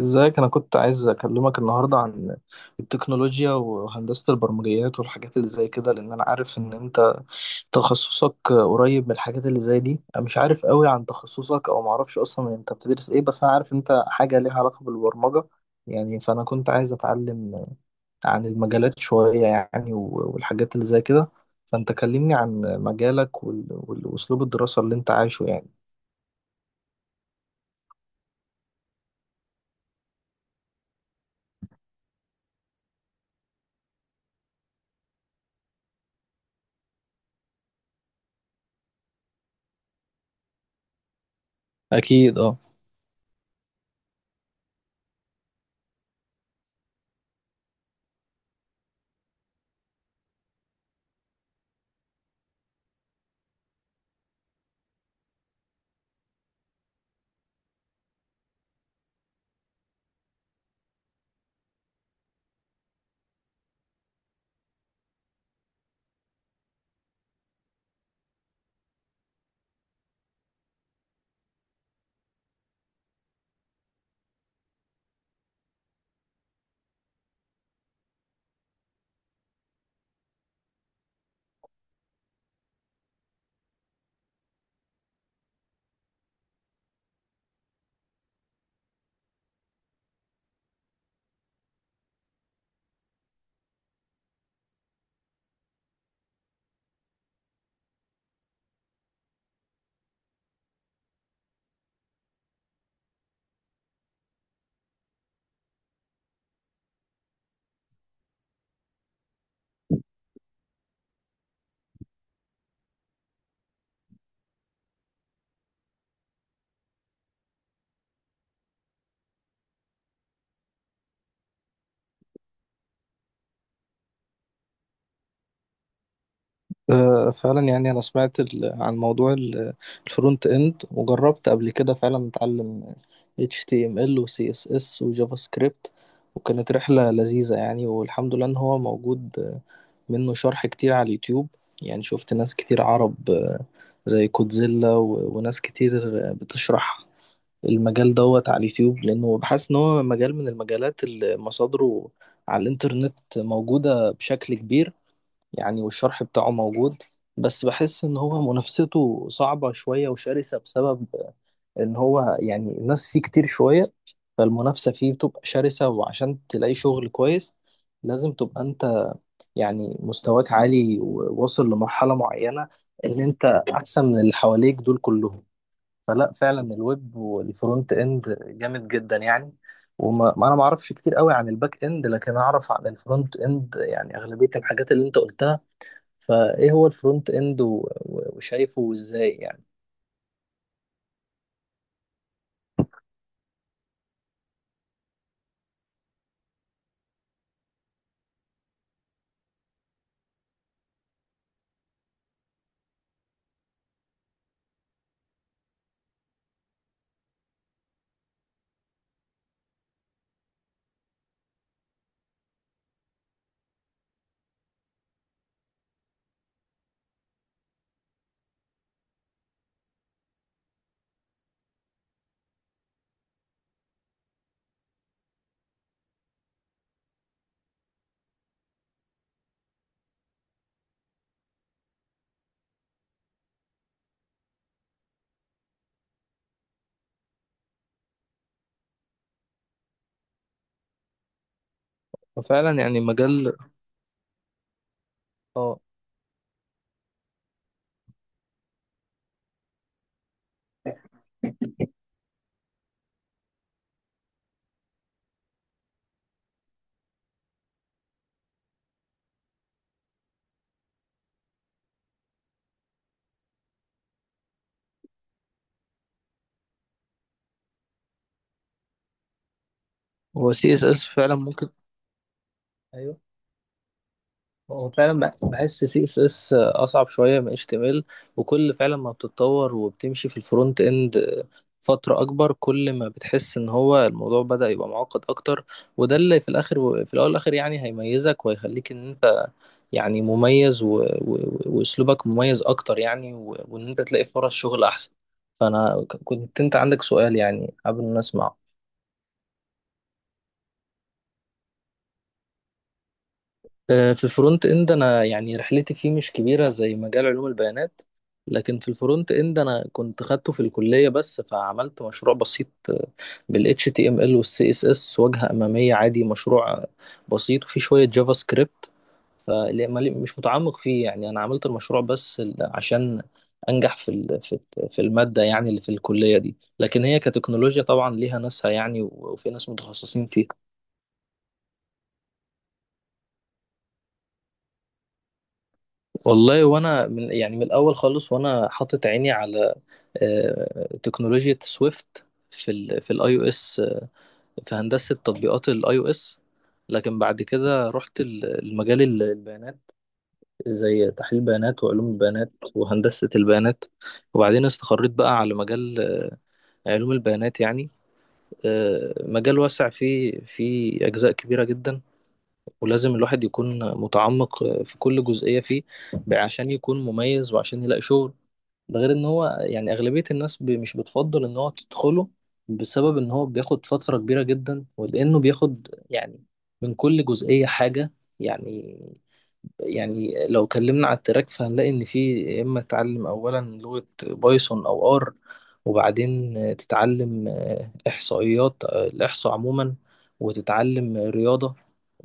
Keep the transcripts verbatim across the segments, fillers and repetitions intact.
ازيك؟ انا كنت عايز اكلمك النهارده عن التكنولوجيا وهندسة البرمجيات والحاجات اللي زي كده، لان انا عارف ان انت تخصصك قريب من الحاجات اللي زي دي. انا مش عارف قوي عن تخصصك، او معرفش اصلا انت بتدرس ايه، بس انا عارف انت حاجة ليها علاقة بالبرمجة يعني. فانا كنت عايز اتعلم عن المجالات شوية يعني و- والحاجات اللي زي كده. فانت كلمني عن مجالك وال- وال- واسلوب الدراسة اللي انت عايشه يعني. أكيد اه. آه، فعلا يعني انا سمعت ال- عن موضوع ال- الفرونت اند، وجربت قبل كده فعلا اتعلم H T M L و C S S وجافا سكريبت، وكانت رحلة لذيذة يعني، والحمد لله ان هو موجود، آه، منه شرح كتير على اليوتيوب. يعني شفت ناس كتير عرب، آه، زي كودزيلا و- وناس كتير آه، بتشرح المجال دوت على اليوتيوب، لأنه بحس إن هو مجال من المجالات اللي مصادره على الإنترنت موجودة بشكل كبير يعني، والشرح بتاعه موجود. بس بحس ان هو منافسته صعبة شوية وشرسة، بسبب ان هو يعني الناس فيه كتير شوية، فالمنافسة فيه بتبقى شرسة، وعشان تلاقي شغل كويس لازم تبقى انت يعني مستواك عالي وواصل لمرحلة معينة، ان انت احسن من اللي حواليك دول كلهم. فلا، فعلا الويب والفرونت اند جامد جدا يعني، وما ما انا ما اعرفش كتير قوي عن الباك اند، لكن اعرف عن الفرونت اند، يعني اغلبية الحاجات اللي انت قلتها. فايه هو الفرونت اند و- و- وشايفه ازاي يعني؟ ففعلا يعني مجال. اه. هو سي اس اس فعلا ممكن. ايوه. هو فعلا بح- بحس سي اس اس اصعب شويه من اتش تي ام ال، وكل فعلا ما بتتطور وبتمشي في الفرونت اند فتره اكبر، كل ما بتحس ان هو الموضوع بدأ يبقى معقد اكتر. وده اللي في الاخر، في الاول والاخر يعني هيميزك وهيخليك ان انت يعني مميز و- و- واسلوبك مميز اكتر يعني، و- وان انت تلاقي فرص شغل احسن. فانا ك- كنت انت عندك سؤال يعني قبل ما اسمع. آه، في الفرونت اند انا يعني رحلتي فيه مش كبيره زي مجال علوم البيانات، لكن في الفرونت اند انا كنت خدته في الكليه، بس فعملت مشروع بسيط آه، بال H T M L وال سي اس اس، واجهه اماميه عادي، مشروع بسيط وفيه شويه جافا سكريبت. فمش متعمق فيه يعني، انا عملت المشروع بس ال- عشان انجح في ال- في في الماده، يعني اللي في الكليه دي، لكن هي كتكنولوجيا طبعا ليها ناسها يعني، وفي ناس متخصصين. والله، وانا من يعني من الاول خالص وانا حاطط عيني على آه، تكنولوجيا سويفت، في ال في الاي او اس، في هندسه تطبيقات الاي او اس. لكن بعد كده رحت ال- المجال ال- البيانات، زي تحليل بيانات وعلوم البيانات وهندسه البيانات، وبعدين استقريت بقى على مجال آه، علوم البيانات يعني. آه، مجال واسع، فيه فيه اجزاء كبيره جدا، ولازم الواحد يكون متعمق آه، في كل جزئيه فيه عشان يكون مميز وعشان يلاقي شغل. ده غير ان هو يعني اغلبية الناس ب- مش بتفضل ان هو تدخله، بسبب ان هو بياخد فترة كبيرة جدا، ولانه بياخد يعني من كل جزئية حاجة يعني. يعني لو اتكلمنا على التراك فهنلاقي ان في يا اما تتعلم اولا لغة بايثون او ار، وبعدين تتعلم آه، احصائيات، آه، الاحصاء عموما، وتتعلم رياضة،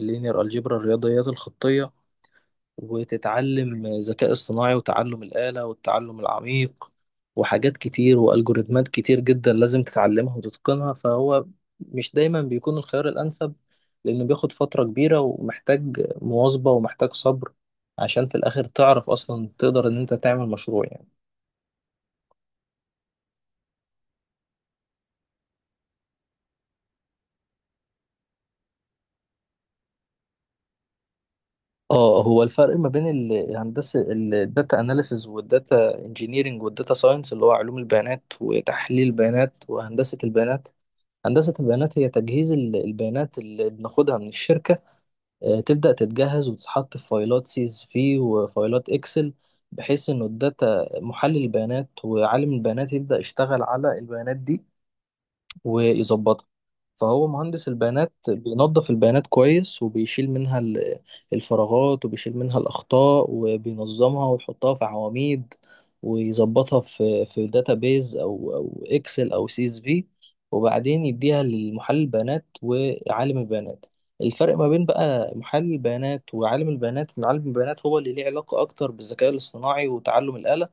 اللينير الجبر، الرياضيات الخطية، وتتعلم ذكاء اصطناعي وتعلم الآلة والتعلم العميق، وحاجات كتير، والجوريتمات كتير جدا لازم تتعلمها وتتقنها. فهو مش دايما بيكون الخيار الأنسب، لأنه بياخد فترة كبيرة ومحتاج مواظبة ومحتاج صبر، عشان في الآخر تعرف أصلا تقدر إن أنت تعمل مشروع يعني. اه، هو الفرق ما بين الهندسة، الداتا اناليسز والداتا انجينيرنج والداتا ساينس، اللي هو علوم البيانات وتحليل البيانات وهندسة البيانات. هندسة البيانات هي تجهيز ال- البيانات اللي بناخدها من الشركة، آه، تبدأ تتجهز وتتحط في فايلات سي اس في وفايلات اكسل، بحيث انه الداتا، محلل البيانات وعالم البيانات، يبدأ يشتغل على البيانات دي ويظبطها. فهو مهندس البيانات بينظف البيانات كويس، وبيشيل منها ال- الفراغات، وبيشيل منها الأخطاء، وبينظمها ويحطها في عواميد، ويظبطها في في داتابيز، أو أو إكسل، أو سي إس في، وبعدين يديها لمحلل البيانات وعالم البيانات. الفرق ما بين بقى محلل البيانات وعالم البيانات إن عالم البيانات هو اللي ليه علاقة أكتر بالذكاء الاصطناعي وتعلم الآلة،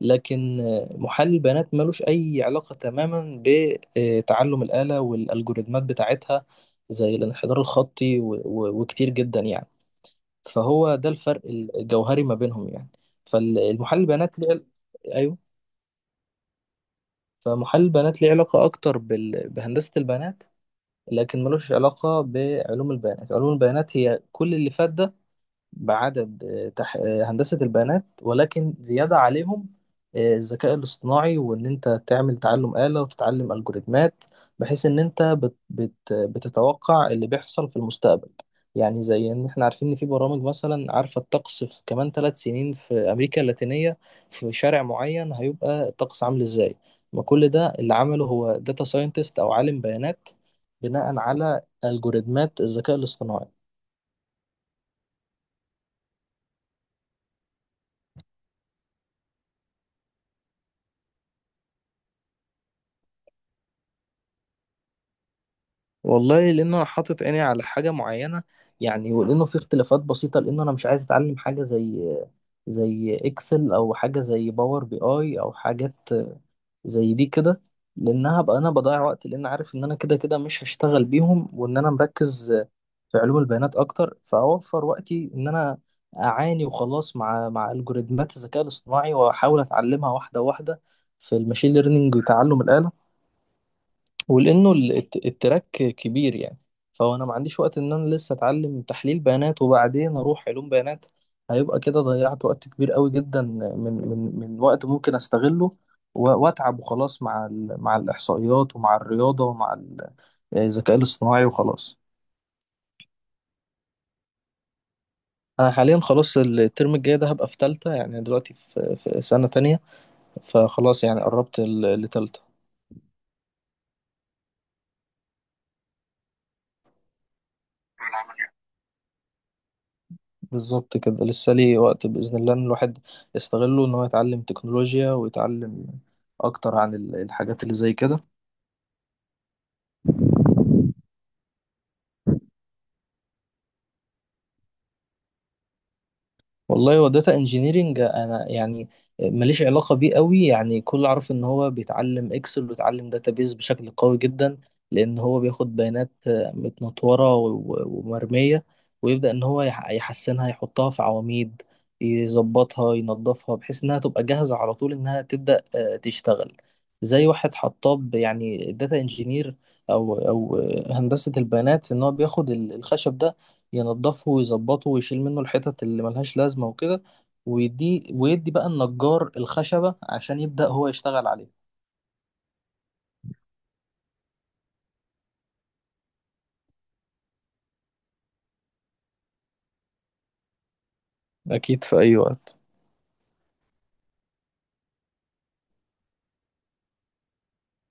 لكن آه، محلل البيانات ملوش أي علاقة تماما بتعلم الآلة والألجوريتمات بتاعتها، زي الانحدار الخطي و- و- وكتير جدا يعني. فهو ده الفرق الجوهري ما بينهم يعني. فالمحلل البيانات ليه عل- أيوه. فمحلل البيانات ليه علاقة أكتر بال... بهندسة البيانات، لكن ملوش علاقة بعلوم البيانات. علوم البيانات هي كل اللي فات ده، بعدد آه، تح... آه، هندسة البيانات، ولكن زيادة عليهم آه، الذكاء الاصطناعي، وإن أنت تعمل تعلم آلة وتتعلم ألجوريتمات، بحيث إن أنت بت... بت... بتتوقع اللي بيحصل في المستقبل. يعني زي إن إحنا عارفين إن في برامج مثلا عارفة الطقس في كمان ثلاث سنين في أمريكا اللاتينية، في شارع معين، هيبقى الطقس عامل إزاي. ما كل ده اللي عمله هو داتا ساينتست أو عالم بيانات، بناء على ألجوريتمات الذكاء الاصطناعي. والله، لان انا حاطط عيني على حاجه معينه يعني، ولانه في اختلافات بسيطه، لان انا مش عايز اتعلم حاجه زي زي اكسل، او حاجه زي باور بي اي، او حاجات زي دي كده، لانها هبقى انا بضيع وقت، لان عارف ان انا كده كده مش هشتغل بيهم، وان انا مركز في علوم البيانات اكتر. فاوفر وقتي ان انا اعاني وخلاص مع مع الجوريزمات الذكاء الاصطناعي، واحاول اتعلمها واحده واحده في الماشين ليرنينج وتعلم الآلة. ولانه ال- الت- التراك كبير يعني، فهو انا ما عنديش وقت ان انا لسه اتعلم تحليل بيانات وبعدين اروح علوم بيانات، هيبقى كده ضيعت وقت كبير قوي جدا من من من وقت ممكن استغله، و- واتعب وخلاص مع ال- مع الاحصائيات ومع الرياضه ومع ال- آه، الذكاء الاصطناعي وخلاص. انا حاليا خلاص الترم الجاي ده هبقى في تالتة، يعني دلوقتي في في سنه تانية، فخلاص يعني قربت ل- لتالتة. بالظبط كده، لسه ليه وقت بإذن الله، إن الواحد يستغله إن هو يتعلم تكنولوجيا، ويتعلم أكتر عن ال- الحاجات اللي زي كده. والله، هو داتا انجينيرنج انا يعني ماليش علاقه بيه قوي يعني، كل عارف ان هو بيتعلم اكسل وبيتعلم داتابيز بشكل قوي جدا، لان هو بياخد بيانات متنطوره و- ومرميه، ويبدا ان هو يح- يحسنها، يحطها في عواميد، يظبطها ينظفها، بحيث انها تبقى جاهزه على طول انها تبدا آه، تشتغل. زي واحد حطاب يعني، داتا انجينير او او هندسه البيانات، ان هو بياخد الخشب ده ينضفه ويظبطه ويشيل منه الحتت اللي ملهاش لازمة وكده، ويدي ويدي بقى النجار الخشبة عشان يبدأ هو يشتغل عليه. أكيد في أي وقت.